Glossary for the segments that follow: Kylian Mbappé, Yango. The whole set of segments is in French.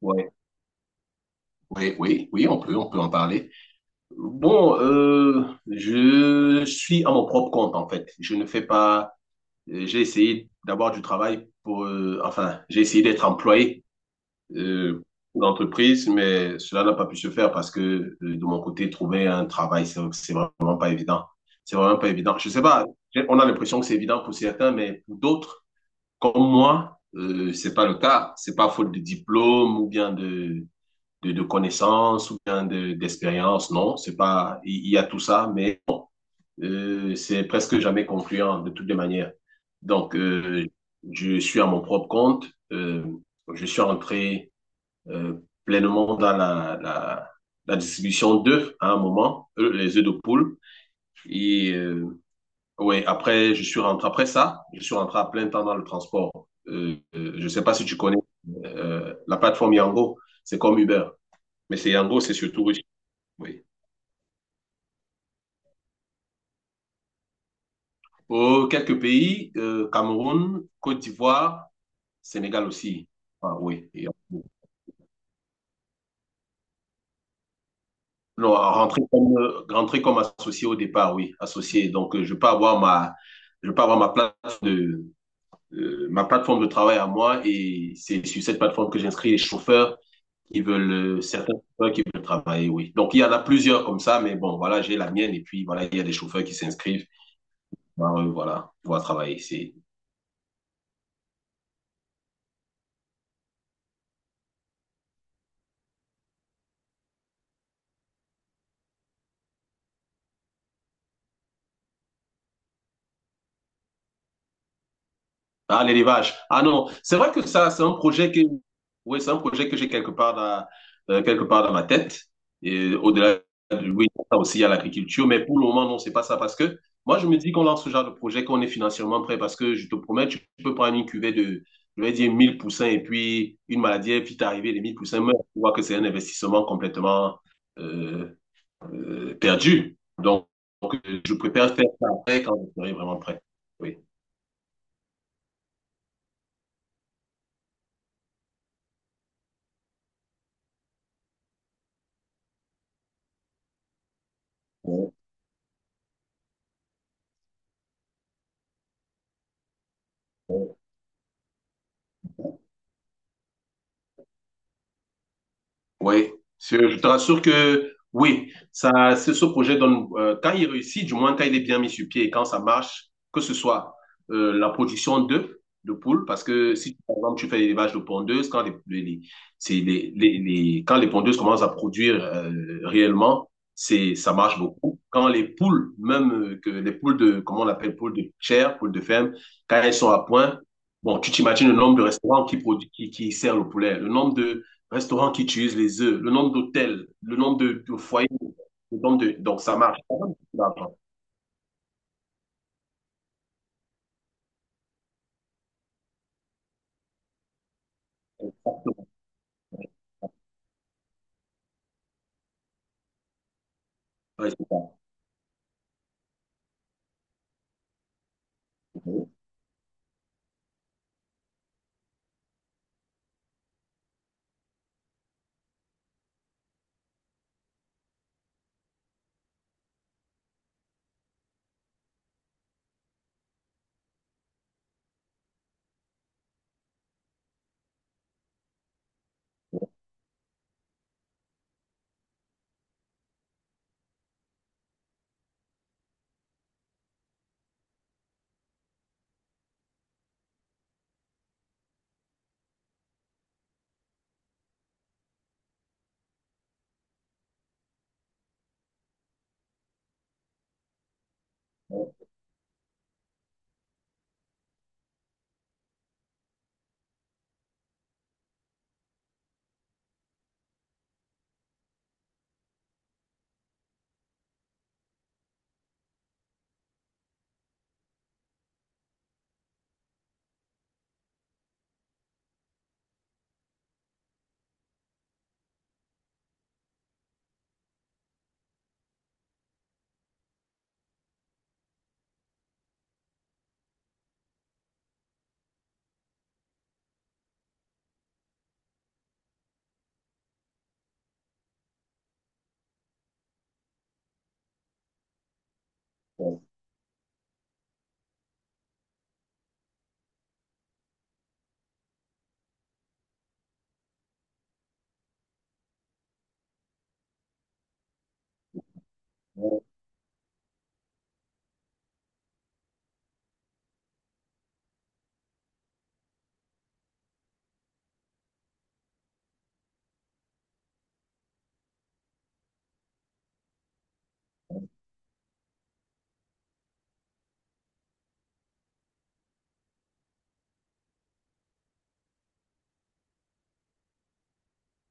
Ouais, oui, on peut en parler. Bon, je suis à mon propre compte en fait. Je ne fais pas. J'ai essayé d'avoir du travail pour. Enfin, j'ai essayé d'être employé euh, pour l'entreprise, mais cela n'a pas pu se faire parce que de mon côté, trouver un travail, c'est vraiment pas évident. C'est vraiment pas évident. Je sais pas. On a l'impression que c'est évident pour certains, mais pour d'autres, comme moi, c'est pas le cas. C'est pas faute de diplôme ou bien de de connaissances ou bien d'expérience. D'expérience, non, c'est pas, il y a tout ça, mais c'est presque jamais concluant de toutes les manières. Donc, je suis à mon propre compte. Euh, je suis entré euh, pleinement dans la distribution d'œufs hein, à un moment, les œufs de poule. Et ouais, après, je suis rentré après ça, je suis rentré à plein temps dans le transport. Je sais pas si tu connais la plateforme Yango, c'est comme Uber, mais c'est Yango, c'est surtout russe. Oui. Pour quelques pays, Cameroun, Côte d'Ivoire, Sénégal aussi. Ah oui. Non, rentrer comme associé au départ, oui, associé. Donc, je peux avoir ma, je peux avoir ma de, ma plateforme de travail à moi et c'est sur cette plateforme que j'inscris les chauffeurs qui veulent, certains chauffeurs qui veulent travailler, oui. Donc, il y en a plusieurs comme ça, mais bon, voilà, j'ai la mienne et puis voilà, il y a des chauffeurs qui s'inscrivent. Ben, voilà, pour pouvoir travailler. C'est. Ah, l'élevage. Ah non, c'est vrai que ça, c'est un projet que, oui, c'est un projet que j'ai quelque part dans ma tête. Et au-delà, oui, ça aussi, il y a l'agriculture. Mais pour le moment, non, c'est pas ça. Parce que moi, je me dis qu'on lance ce genre de projet, qu'on est financièrement prêt. Parce que je te promets, tu peux prendre une cuvée de, je vais dire, 1000 poussins et puis une maladie, et puis t'arriver, les 1000 poussins meurent. Tu vois que c'est un investissement complètement euh, perdu. Donc, je préfère faire ça après quand je serai vraiment prêt. Oui. Ouais, ouais. Oui, je te rassure que oui, ça, c'est ce projet donne, quand il réussit, du moins quand il est bien mis sur pied et quand ça marche, que ce soit la production d'œufs, de poules, parce que si par exemple tu fais l'élevage de pondeuses, quand c'est quand les pondeuses commencent à produire réellement, c'est, ça marche beaucoup. Quand les poules, même que les poules de, comment on appelle, poules de chair, poules de ferme, quand elles sont à point, bon, tu t'imagines le nombre de restaurants qui, qui servent le poulet, le nombre de restaurants qui utilisent les œufs, le nombre d'hôtels, le nombre de foyers, le nombre de... Donc, ça marche. Ouais, c'est ça.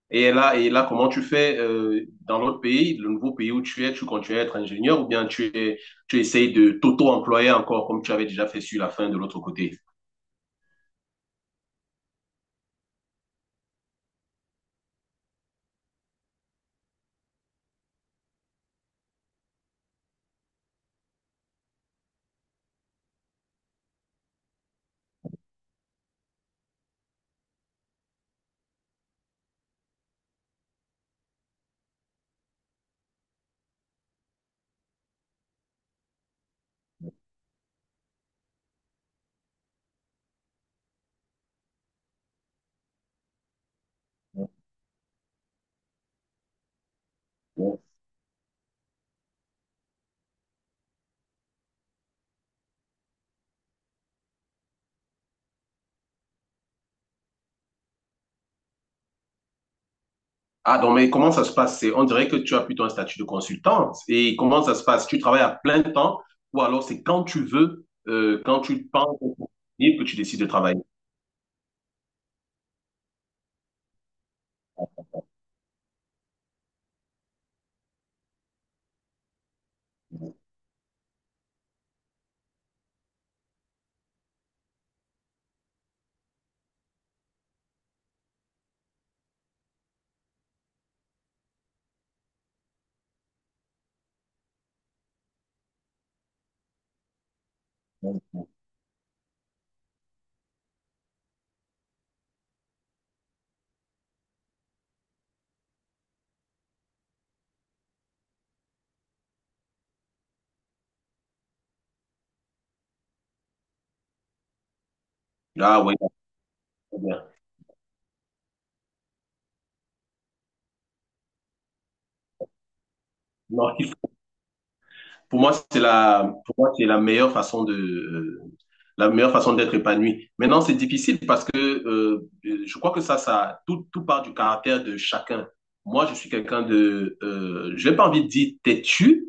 Et là, comment tu fais dans l'autre pays, le nouveau pays où tu es, tu continues à être ingénieur ou bien tu essayes de t'auto-employer encore comme tu avais déjà fait sur la fin de l'autre côté? Ah non, mais comment ça se passe? On dirait que tu as plutôt un statut de consultante. Et comment ça se passe? Tu travailles à plein temps ou alors c'est quand tu veux, quand tu penses au libre que tu décides de travailler. Ah oui, très bien. Non, pour moi, c'est la, pour moi, c'est la meilleure façon de, la meilleure façon d'être épanoui. Maintenant, c'est difficile parce que je crois que ça, tout, tout part du caractère de chacun. Moi, je suis quelqu'un de, je n'ai pas envie de dire têtu,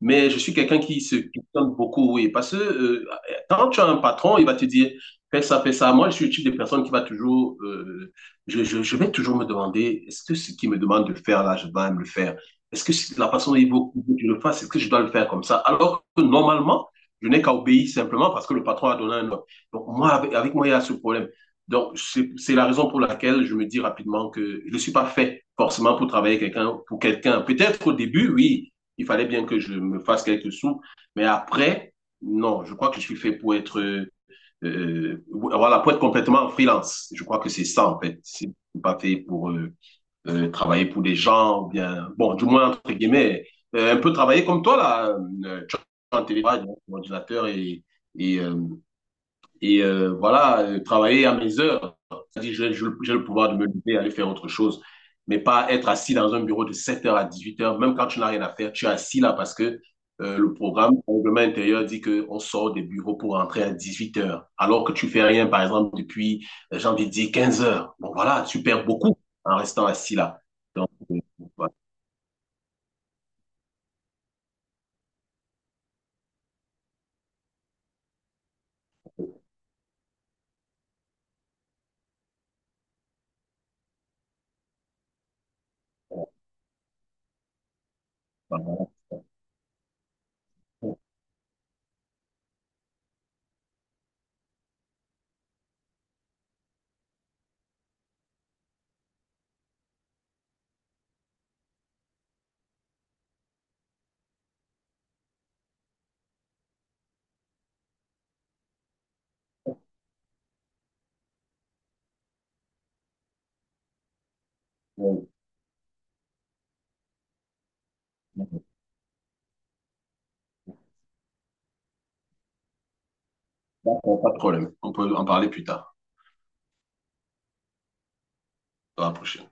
mais je suis quelqu'un qui se questionne beaucoup, oui. Parce que quand tu as un patron, il va te dire, fais ça, fais ça. Moi, je suis le type de personne qui va toujours, je vais toujours me demander, est-ce que ce qu'il me demande de faire là, je vais me le faire? Est-ce que la façon dont il veut que tu le fasses, est-ce que je dois le faire comme ça? Alors que normalement, je n'ai qu'à obéir simplement parce que le patron a donné un ordre. Donc, moi, avec moi, il y a ce problème. Donc, c'est la raison pour laquelle je me dis rapidement que je ne suis pas fait forcément pour travailler quelqu'un, pour quelqu'un. Peut-être au début, oui, il fallait bien que je me fasse quelques sous, mais après, non, je crois que je suis fait pour être, voilà, pour être complètement en freelance. Je crois que c'est ça, en fait. C'est pas fait pour, travailler pour des gens, ou bien, bon, du moins, entre guillemets, un peu travailler comme toi, là, tu es en télétravail, donc, sur et, et euh, voilà, travailler à mes heures. C'est-à-dire, j'ai le pouvoir de me lever, aller faire autre chose, mais pas être assis dans un bureau de 7 h à 18 h, même quand tu n'as rien à faire, tu es assis là parce que le programme, le règlement intérieur dit qu'on sort des bureaux pour rentrer à 18 h, alors que tu fais rien, par exemple, depuis, j'ai envie de dire, 15 h. Bon, voilà, tu perds beaucoup en restant assis là. Donc, voilà. Voilà. D'accord, pas de problème. On peut en parler plus tard, dans la prochaine.